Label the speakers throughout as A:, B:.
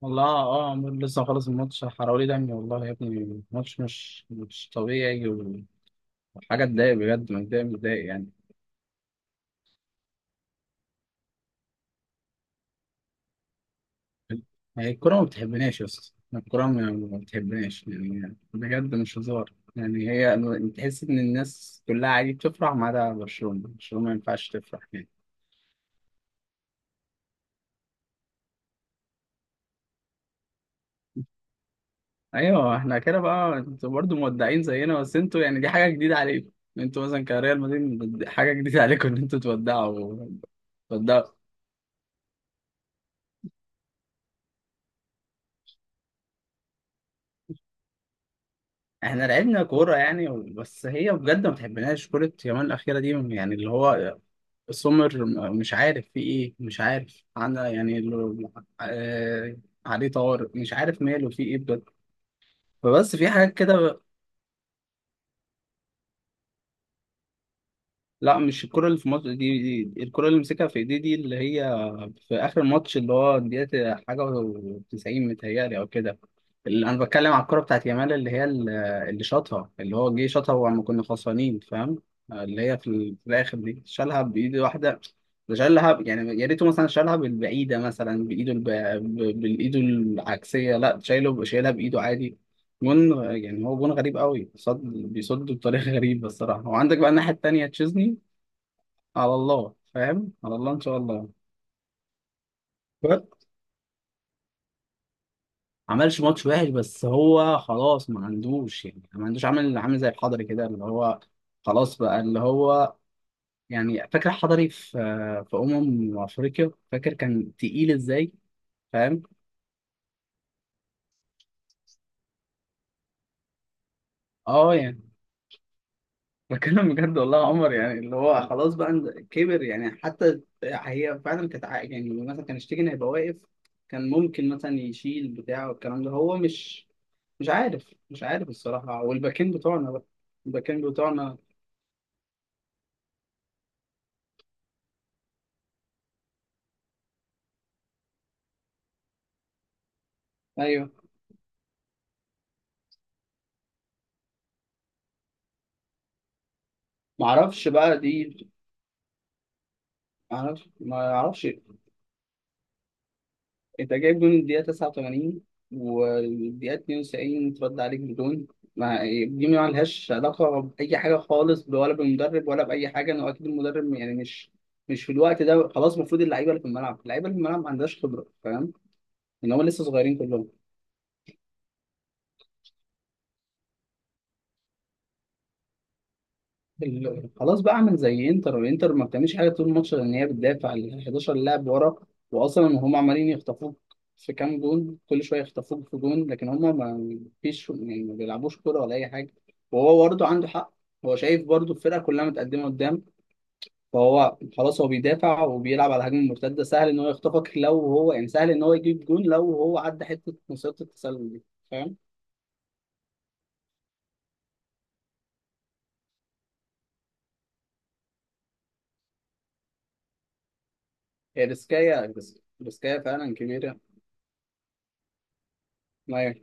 A: والله آه، عمرو لسه مخلص الماتش، حراولي دمي والله يا ابني. الماتش مش طبيعي وحاجة تضايق، بجد متضايق يعني. هي الكورة ما بتحبناش يا اسطى، الكورة ما بتحبناش يعني، بجد مش هزار يعني. هي تحس إن الناس كلها عادي بتفرح ما عدا برشلونة، ما ينفعش تفرح يعني. أيوه احنا كده بقى، انتوا برضه مودعين زينا، بس انتوا يعني دي حاجة جديدة عليكم. انتوا مثلا كريال مدريد حاجة جديدة عليكم إن انتوا تودعوا. احنا لعبنا كورة يعني، بس هي بجد ما بتحبناش كرة يومين الأخيرة دي، يعني اللي هو سمر. مش عارف في ايه، مش عارف انا، يعني آه عليه طوارئ، مش عارف ماله في ايه بجد. فبس في حاجات كده. لا مش الكرة اللي في مصر دي، دي الكرة اللي مسكها في ايديه دي، اللي هي في آخر الماتش، اللي هو دقيقة حاجة و90 متهيألي أو كده. اللي أنا بتكلم على الكرة بتاعت يامال، اللي هي اللي شاطها، اللي هو جه شاطها وما كنا خسرانين، فاهم؟ اللي هي في، في الآخر دي شالها بإيد واحدة. ده شالها يعني، يا ريته مثلا شالها بالبعيدة مثلا بإيده بالإيده العكسية، لا شايله بإيده عادي. جون يعني، هو جون غريب قوي، صد بطريقه غريبه الصراحه. وعندك بقى الناحيه التانيه تشيزني، على الله فاهم، على الله ان شاء الله. ما عملش ماتش وحش، بس هو خلاص ما عندوش يعني، ما عندوش عامل زي الحضري كده، اللي هو خلاص بقى اللي هو يعني. فاكر الحضري في افريقيا؟ فاكر كان تقيل ازاي؟ فاهم. اه يعني بتكلم بجد والله يا عمر، يعني اللي هو خلاص بقى كبر يعني، حتى هي فعلا كانت يعني مثلا كان شتيجن هيبقى واقف، كان ممكن مثلا يشيل بتاع والكلام ده. هو مش عارف، الصراحة. والباكين بتوعنا بقى، الباكين بتوعنا. ايوه، معرفش بقى دي، معرفش. انت جايب جون الدقيقة 89، والدقيقة 92 اترد عليك بدون، ما دي ما لهاش علاقة بأي حاجة خالص، ولا بالمدرب ولا بأي حاجة. إنه أكيد المدرب يعني مش في الوقت ده، خلاص المفروض اللعيبة اللي في الملعب، ما عندهاش خبرة فاهم، إن هم لسه صغيرين كلهم. خلاص بقى اعمل زي انتر، ما بتعملش حاجه طول الماتش، لان هي بتدافع ال 11 لاعب ورا. واصلا هم عمالين يخطفوك في كام جون، كل شويه يخطفوك في جون، لكن هم ما فيش يعني، ما بيلعبوش كوره ولا اي حاجه. وهو برضه عنده حق، هو شايف برضه الفرقه كلها متقدمه قدام، فهو خلاص هو بيدافع وبيلعب على هجمه مرتده. سهل ان هو يخطفك لو هو يعني، سهل ان هو يجيب جون لو هو عدى حته مصيده التسلل دي، فاهم؟ هي ريسكايه، ريسكايه فعلا كبيره. ما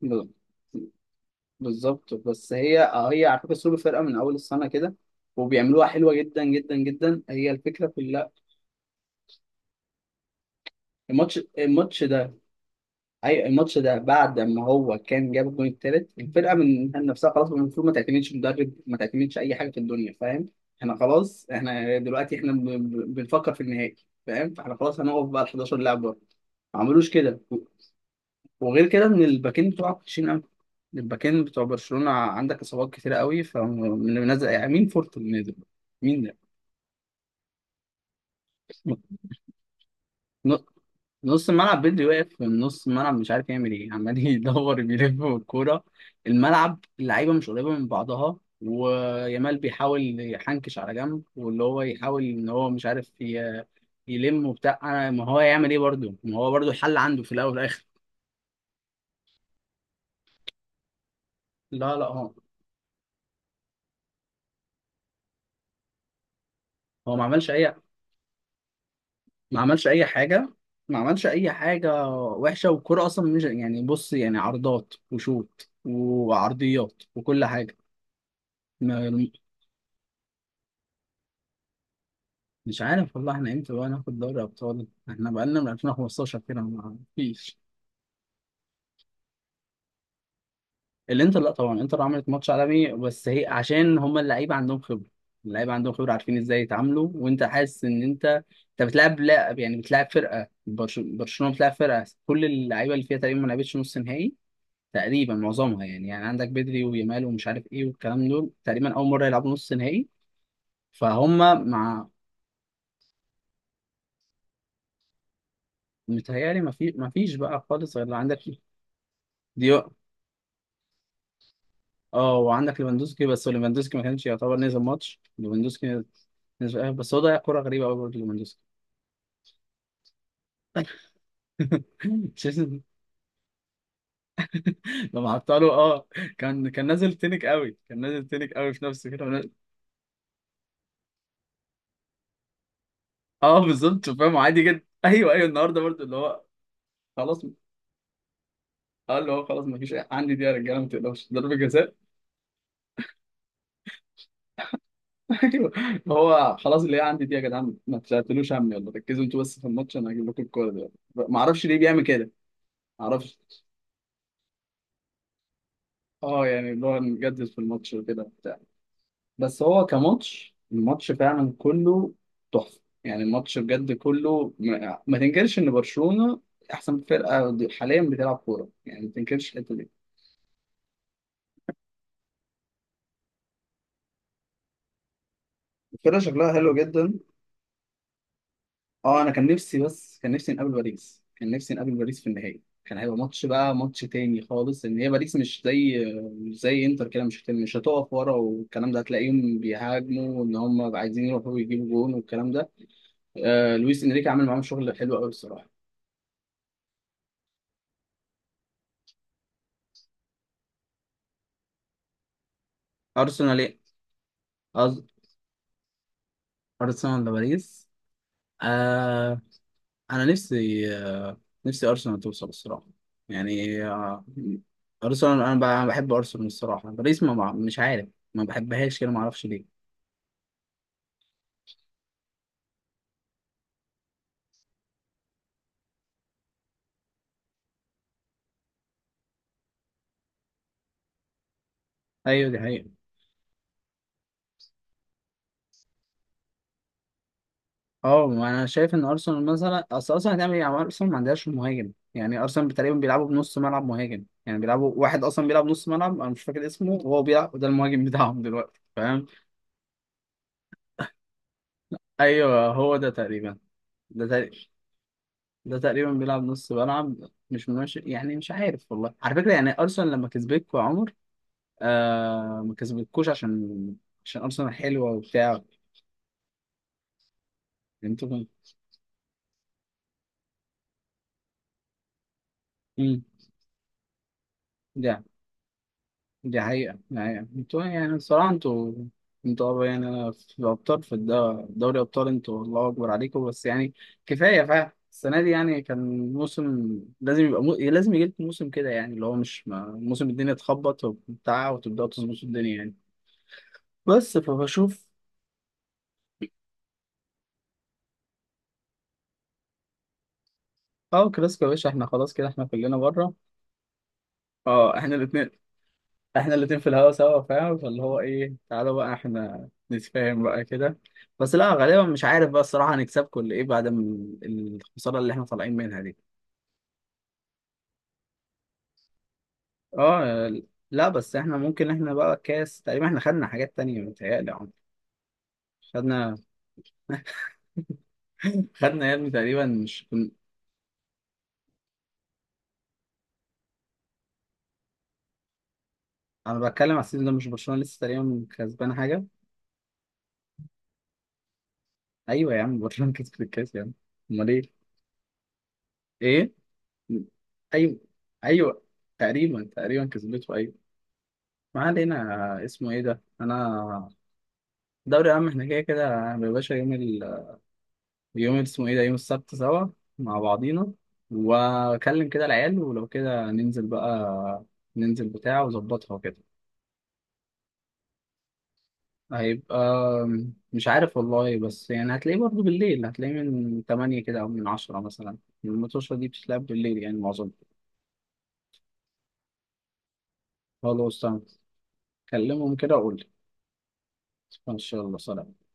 A: ما- بالظبط، بس هي آه، هي على فكره سوبر فرقه من اول السنه كده، وبيعملوها حلوه جدا جدا جدا، هي الفكره كلها. الماتش الماتش ده الماتش ده بعد ما هو كان جاب الجون التالت، الفرقه من نفسها خلاص المفروض ما تعتمدش مدرب، ما تعتمدش اي حاجه في الدنيا فاهم. احنا خلاص، احنا دلوقتي احنا بنفكر في النهائي فاهم، فاحنا خلاص هنقف بقى ال 11 لاعب بره، ما عملوش كده. وغير كده ان الباكين بتوعك وحشين قوي، الباكين بتوع برشلونة، عندك اصابات كتيرة قوي، فمنزل يعني مين فورت اللي نازل؟ مين ده؟ ن- نص الملعب بدري واقف من نص الملعب، مش عارف يعمل ايه، عمال يدور بيلف بالكورة. الملعب، اللعيبة مش قريبة من بعضها، ويامال بيحاول يحنكش على جنب، واللي هو يحاول ان هو مش عارف يلم وبتاع. ما هو يعمل ايه برضه، ما هو برضه الحل عنده في الاول والاخر. لا هو، هو ما عملش اي، ما عملش اي حاجه ما عملش اي حاجه وحشه، والكوره اصلا مش يعني. بص يعني عرضات وشوط وعرضيات وكل حاجه. ما مش عارف والله، احنا امتى بقى ناخد دوري ابطال؟ احنا بقالنا من 2015 كده ما فيش. الانتر لا طبعا الانتر عملت ماتش عالمي، بس هي عشان هما اللعيبه عندهم خبره، عارفين ازاي يتعاملوا. وانت حاسس ان انت بتلعب، لا يعني بتلعب فرقه برشلونه، بتلعب فرقه كل اللعيبه اللي فيها تقريبا ما لعبتش نص نهائي، تقريبا معظمها يعني. يعني عندك بدري ويامال ومش عارف ايه والكلام دول، تقريبا اول مره يلعبوا نص نهائي فهم. مع متهيألي ما فيش بقى خالص غير عندك ديو اه، وعندك ليفاندوسكي، بس ليفاندوسكي ما كانش يعتبر نزل ماتش. ليفاندوسكي نزل آه، بس هو ضيع كوره غريبه قوي برضه ليفاندوسكي. تشيزني لما حطها له اه، كان نازل تنك قوي، في نفسه كده اه بالظبط فاهم، عادي جدا. ايوه ايوه النهارده برضه اللي هو خلاص. اه اللي هو خلاص ما فيش عندي دي يا رجاله، ما تقلقوش ضربة جزاء. ايوه، هو خلاص اللي هي عندي دي يا جدعان، ما تشتتلوش همي، يلا ركزوا انتوا بس في الماتش، انا هجيب لكم الكوره دي. ما اعرفش ليه بيعمل كده، ما اعرفش. اه يعني اللي هو نجدد في الماتش وكده بتاع. بس هو الماتش فعلا كله تحفه يعني، الماتش بجد كله ما، ما تنكرش ان برشلونه احسن فرقه حاليا بتلعب كوره يعني، ما تنكرش الحته دي. الفرقه شكلها حلو جدا. اه انا كان نفسي، بس كان نفسي نقابل باريس كان نفسي نقابل باريس في النهائي، كان هيبقى ماتش بقى، ماتش تاني خالص، ان هي باريس مش زي انتر كده، مش هتقف ورا والكلام ده. هتلاقيهم بيهاجموا وان هم عايزين يروحوا يجيبوا جون والكلام ده. آه لويس انريكي عامل معاهم شغل حلو قوي الصراحه. ارسنال ايه؟ أز... ارسنال ولا باريس؟ آه انا نفسي آه، نفسي ارسنال توصل الصراحه، يعني آه ارسنال انا بحب ارسنال الصراحه. باريس مش عارف ما بحبهاش كده، ما اعرفش ليه. ايوه دي حقيقة. اه ما انا شايف ان ارسنال مثلا، اصل ارسنال هتعمل ايه يعني؟ ارسنال ما عندهاش مهاجم، يعني ارسنال تقريبا بيلعبوا بنص ملعب مهاجم يعني، بيلعبوا واحد اصلا بيلعب نص ملعب، انا مش فاكر اسمه، وهو بيلعب ده المهاجم بتاعهم دلوقتي فاهم. ايوه هو ده تقريبا، ده تقريبا ده تقريبا بيلعب نص ملعب، مش ماشي يعني. مش عارف والله، على فكرة يعني ارسنال لما كسبتكوا يا عمر آه، ما كسبتكوش عشان ارسنال حلوة وبتاع يعني. انتوا كنتوا- مم. دي دي حقيقة انتوا يعني الصراحة، يعني أنا في أبطال في دوري أبطال انتوا الله أكبر عليكم. بس يعني كفاية فعلا السنة دي يعني، كان موسم لازم يبقى لازم يجي لكم موسم كده، يعني اللي هو مش ما... موسم الدنيا تخبط وبتاع، وتبدأوا تظبطوا الدنيا يعني. بس فبشوف. اه كلاسيكو يا باشا، احنا خلاص كده احنا كلنا بره، اه احنا الاتنين، في الهوا سوا فاهم. فاللي هو ايه، تعالوا بقى احنا نتفاهم بقى كده. بس لا غالبا مش عارف بقى الصراحة هنكسبكم ولا ايه، بعد الخسارة اللي احنا طالعين منها دي. اه لا بس احنا ممكن احنا بقى كاس، تقريبا احنا خدنا حاجات تانية متهيألي يا عمر. خدنا، خدنا يا ابني تقريبا مش كن- انا بتكلم على السيزون ده، مش برشلونة لسه تقريبا كسبانة حاجة؟ ايوه يا عم، برشلونة كسبت الكاس يا عم، امال ايه؟ ايه؟ ايوه ايوه تقريبا، تقريبا كسبته ايوه، ما علينا اسمه ايه ده انا. دوري عام احنا كده كده. يا باشا يوم يوم اسمه ايه ده، يوم السبت سوا مع بعضينا، واكلم كده العيال ولو كده ننزل بقى، ننزل بتاع وظبطها وكده. هيبقى مش عارف والله، بس يعني هتلاقيه برضه بالليل، هتلاقيه من 8 كده او من 10 مثلا، الماتشة دي بتتلعب بالليل يعني معظمها. خلاص تمام، كلمهم كده وقول لي. ان شاء الله، سلام.